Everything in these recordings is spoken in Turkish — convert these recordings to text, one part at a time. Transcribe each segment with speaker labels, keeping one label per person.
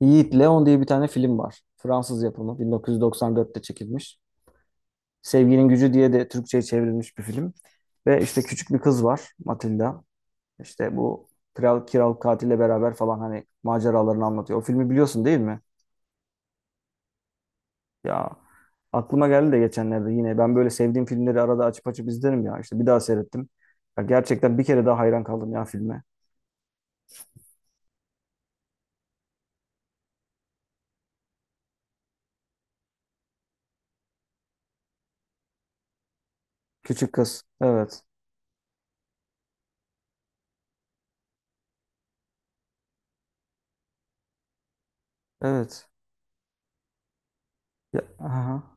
Speaker 1: Yiğit Leon diye bir tane film var. Fransız yapımı 1994'te çekilmiş. Sevginin Gücü diye de Türkçe'ye çevrilmiş bir film. Ve işte küçük bir kız var Matilda. İşte bu kral kiral katille beraber falan hani maceralarını anlatıyor. O filmi biliyorsun değil mi? Ya aklıma geldi de geçenlerde yine ben böyle sevdiğim filmleri arada açıp izlerim ya. İşte bir daha seyrettim. Ya gerçekten bir kere daha hayran kaldım ya filme. Küçük kız. Evet. Evet. Ya, aha.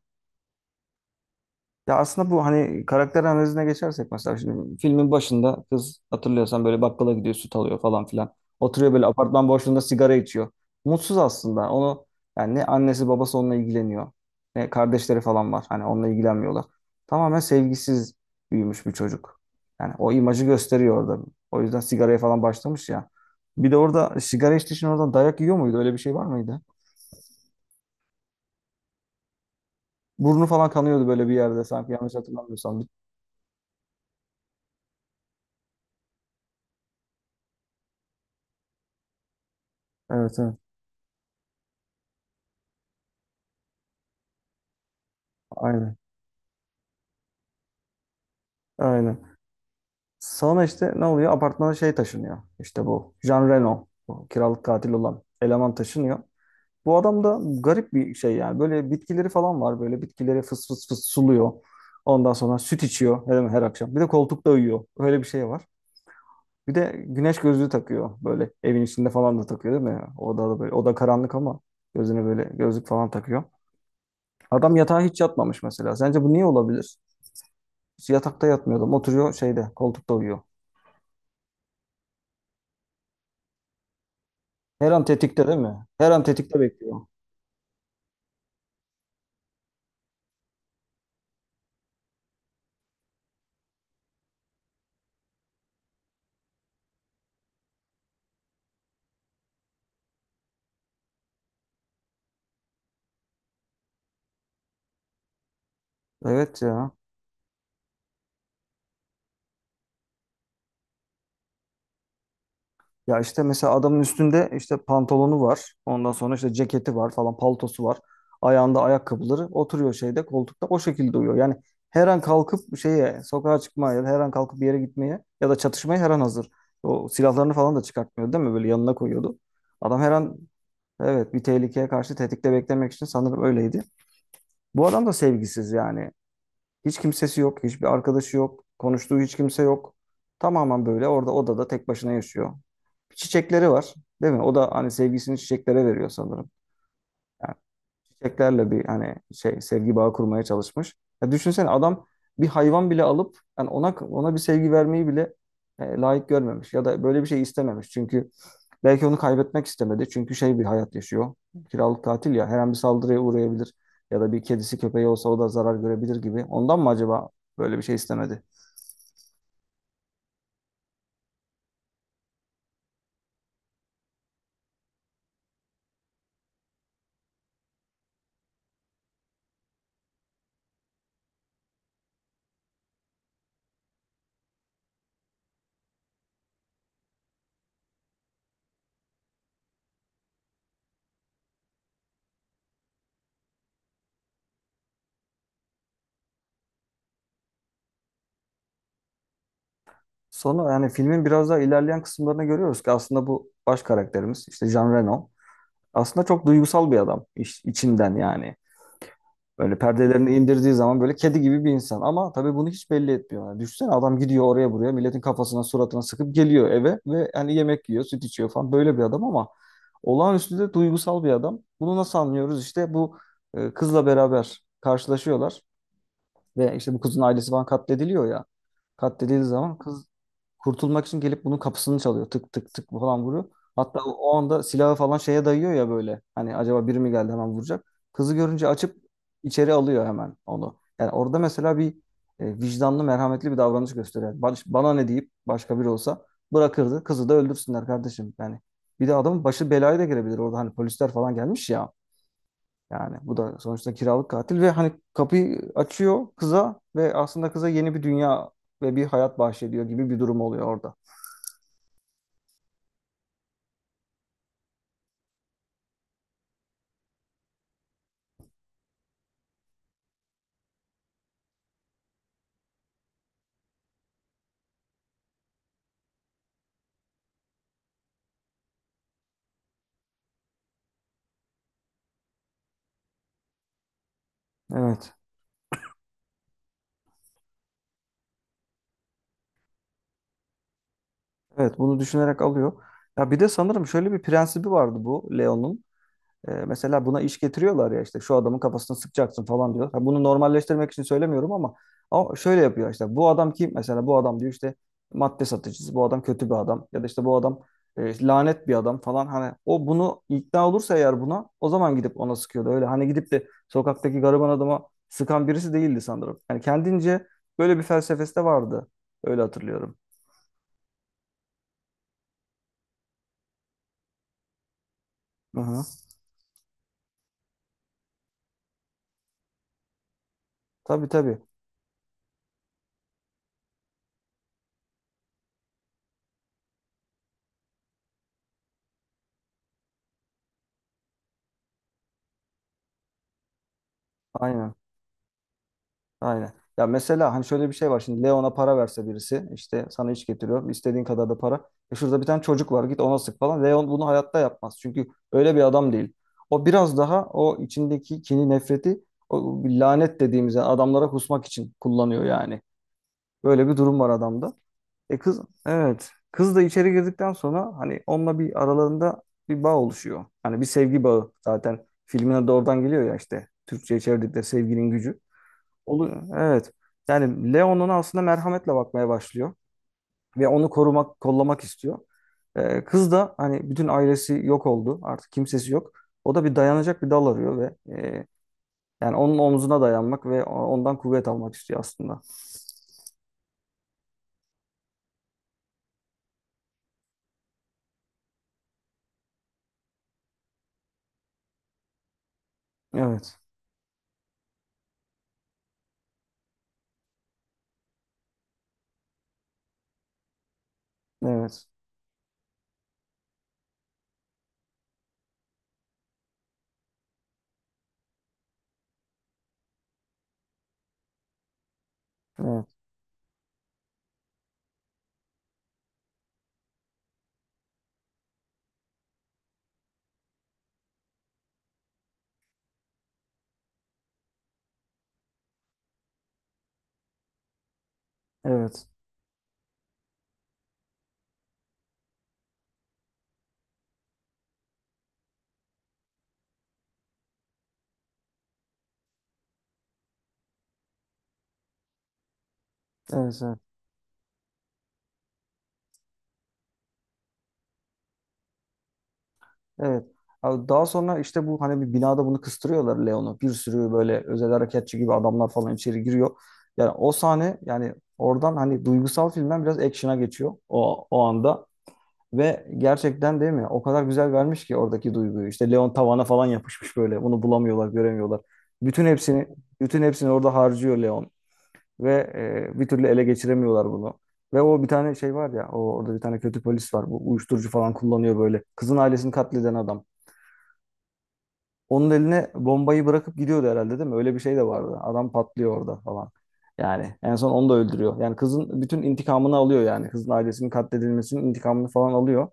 Speaker 1: Ya aslında bu hani karakter analizine geçersek mesela şimdi filmin başında kız hatırlıyorsan böyle bakkala gidiyor süt alıyor falan filan. Oturuyor böyle apartman boşluğunda sigara içiyor. Mutsuz aslında onu yani ne annesi babası onunla ilgileniyor ne kardeşleri falan var hani onunla ilgilenmiyorlar. Tamamen sevgisiz büyümüş bir çocuk. Yani o imajı gösteriyor orada. O yüzden sigaraya falan başlamış ya. Bir de orada sigara içtiği için oradan dayak yiyor muydu? Öyle bir şey var mıydı? Burnu falan kanıyordu böyle bir yerde sanki yanlış hatırlamıyorsam. Evet evet aynen. Aynen. Sonra işte ne oluyor? Apartmana şey taşınıyor. İşte bu Jean Reno, bu kiralık katil olan eleman taşınıyor. Bu adam da garip bir şey yani. Böyle bitkileri falan var. Böyle bitkileri fıs fıs fıs suluyor. Ondan sonra süt içiyor her akşam. Bir de koltukta uyuyor. Öyle bir şey var. Bir de güneş gözlüğü takıyor. Böyle evin içinde falan da takıyor değil mi? Odada böyle. Oda karanlık ama gözüne böyle gözlük falan takıyor. Adam yatağa hiç yatmamış mesela. Sence bu niye olabilir? Hiç yatakta yatmıyordu. Oturuyor şeyde koltukta uyuyor. Her an tetikte değil mi? Her an tetikte bekliyor. Evet ya. Ya işte mesela adamın üstünde işte pantolonu var. Ondan sonra işte ceketi var falan, paltosu var. Ayağında ayakkabıları. Oturuyor şeyde koltukta o şekilde uyuyor. Yani her an kalkıp şeye sokağa çıkmaya ya da her an kalkıp bir yere gitmeye ya da çatışmaya her an hazır. O silahlarını falan da çıkartmıyor değil mi? Böyle yanına koyuyordu. Adam her an evet bir tehlikeye karşı tetikte beklemek için sanırım öyleydi. Bu adam da sevgisiz yani. Hiç kimsesi yok, hiçbir arkadaşı yok, konuştuğu hiç kimse yok. Tamamen böyle orada odada tek başına yaşıyor. Çiçekleri var, değil mi? O da hani sevgisini çiçeklere veriyor sanırım çiçeklerle bir hani şey sevgi bağı kurmaya çalışmış. Ya düşünsene adam bir hayvan bile alıp yani ona bir sevgi vermeyi bile layık görmemiş ya da böyle bir şey istememiş. Çünkü belki onu kaybetmek istemedi. Çünkü şey bir hayat yaşıyor. Kiralık tatil ya her an bir saldırıya uğrayabilir ya da bir kedisi köpeği olsa o da zarar görebilir gibi. Ondan mı acaba böyle bir şey istemedi? Sonra yani filmin biraz daha ilerleyen kısımlarını görüyoruz ki aslında bu baş karakterimiz işte Jean Reno aslında çok duygusal bir adam içinden yani. Böyle perdelerini indirdiği zaman böyle kedi gibi bir insan ama tabii bunu hiç belli etmiyor. Yani düşünsene adam gidiyor oraya buraya milletin kafasına suratına sıkıp geliyor eve ve yani yemek yiyor süt içiyor falan böyle bir adam ama olağanüstü de duygusal bir adam. Bunu nasıl anlıyoruz? İşte bu kızla beraber karşılaşıyorlar. Ve işte bu kızın ailesi falan katlediliyor ya. Katledildiği zaman kız kurtulmak için gelip bunun kapısını çalıyor. Tık tık tık falan vuruyor. Hatta o anda silahı falan şeye dayıyor ya böyle. Hani acaba biri mi geldi hemen vuracak. Kızı görünce açıp içeri alıyor hemen onu. Yani orada mesela bir vicdanlı, merhametli bir davranış gösteriyor. Yani bana ne deyip başka biri olsa bırakırdı. Kızı da öldürsünler kardeşim. Yani bir de adamın başı belaya da girebilir orada. Hani polisler falan gelmiş ya. Yani bu da sonuçta kiralık katil ve hani kapıyı açıyor kıza ve aslında kıza yeni bir dünya ve bir hayat bahşediyor gibi bir durum oluyor orada. Evet. Evet bunu düşünerek alıyor. Ya bir de sanırım şöyle bir prensibi vardı bu Leon'un. E, mesela buna iş getiriyorlar ya işte şu adamın kafasını sıkacaksın falan diyor. Ha, bunu normalleştirmek için söylemiyorum ama şöyle yapıyor işte bu adam kim mesela bu adam diyor işte madde satıcısı bu adam kötü bir adam ya da işte bu adam lanet bir adam falan hani o bunu ikna olursa eğer buna o zaman gidip ona sıkıyordu öyle hani gidip de sokaktaki gariban adama sıkan birisi değildi sanırım. Yani kendince böyle bir felsefesi de vardı öyle hatırlıyorum. Hı hı. Tabii tabii aynen. Aynen. Ya mesela hani şöyle bir şey var. Şimdi Leon'a para verse birisi işte sana iş getiriyorum. İstediğin kadar da para. E şurada bir tane çocuk var git ona sık falan. Leon bunu hayatta yapmaz. Çünkü öyle bir adam değil. O biraz daha o içindeki kini nefreti o lanet dediğimiz yani adamlara kusmak için kullanıyor yani. Böyle bir durum var adamda. E kız evet. Kız da içeri girdikten sonra hani onunla bir aralarında bir bağ oluşuyor. Hani bir sevgi bağı zaten filmine de oradan geliyor ya işte. Türkçe'ye çevirdikleri sevginin gücü. Oluyor. Evet. Yani Leon'un aslında merhametle bakmaya başlıyor ve onu korumak, kollamak istiyor. Kız da hani bütün ailesi yok oldu. Artık kimsesi yok. O da bir dayanacak bir dal arıyor ve yani onun omzuna dayanmak ve ondan kuvvet almak istiyor aslında. Evet. Evet. Evet. Evet. Evet. Evet. Evet. Abi daha sonra işte bu hani bir binada bunu kıstırıyorlar Leon'u. Bir sürü böyle özel harekatçı gibi adamlar falan içeri giriyor. Yani o sahne yani oradan hani duygusal filmden biraz action'a geçiyor o anda. Ve gerçekten değil mi? O kadar güzel vermiş ki oradaki duyguyu. İşte Leon tavana falan yapışmış böyle. Bunu bulamıyorlar, göremiyorlar. Bütün hepsini bütün hepsini orada harcıyor Leon. Ve bir türlü ele geçiremiyorlar bunu. Ve o bir tane şey var ya, orada bir tane kötü polis var. Bu uyuşturucu falan kullanıyor böyle. Kızın ailesini katleden adam. Onun eline bombayı bırakıp gidiyordu herhalde değil mi? Öyle bir şey de vardı. Adam patlıyor orada falan. Yani en son onu da öldürüyor. Yani kızın bütün intikamını alıyor yani. Kızın ailesinin katledilmesinin intikamını falan alıyor.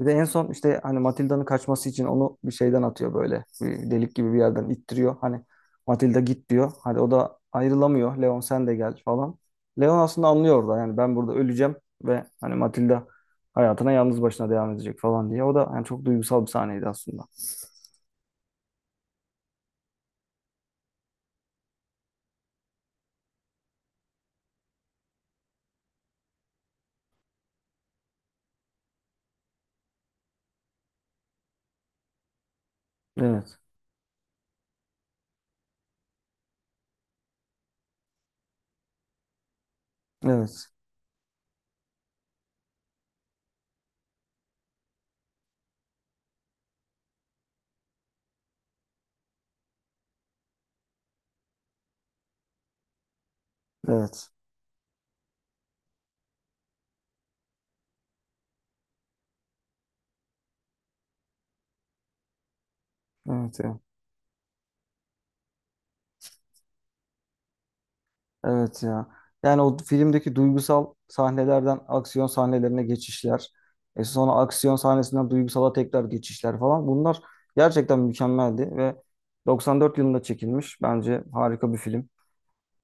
Speaker 1: Bir de en son işte hani Matilda'nın kaçması için onu bir şeyden atıyor böyle. Bir delik gibi bir yerden ittiriyor. Hani Matilda git diyor. Hadi o da ayrılamıyor. Leon sen de gel falan. Leon aslında anlıyor orada yani ben burada öleceğim ve hani Matilda hayatına yalnız başına devam edecek falan diye. O da yani çok duygusal bir sahneydi aslında. Evet. Evet. Evet. Evet. Evet. Evet ya. Yani o filmdeki duygusal sahnelerden aksiyon sahnelerine geçişler. E sonra aksiyon sahnesinden duygusala tekrar geçişler falan. Bunlar gerçekten mükemmeldi ve 94 yılında çekilmiş. Bence harika bir film.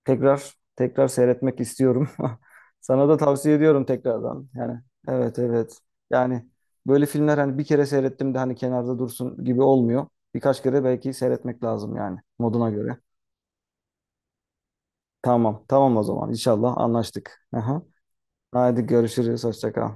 Speaker 1: Tekrar tekrar seyretmek istiyorum. Sana da tavsiye ediyorum tekrardan. Yani evet evet. Yani böyle filmler hani bir kere seyrettim de hani kenarda dursun gibi olmuyor. Birkaç kere belki seyretmek lazım yani moduna göre. Tamam, tamam o zaman. İnşallah anlaştık. Aha. Haydi görüşürüz. Hoşça kal.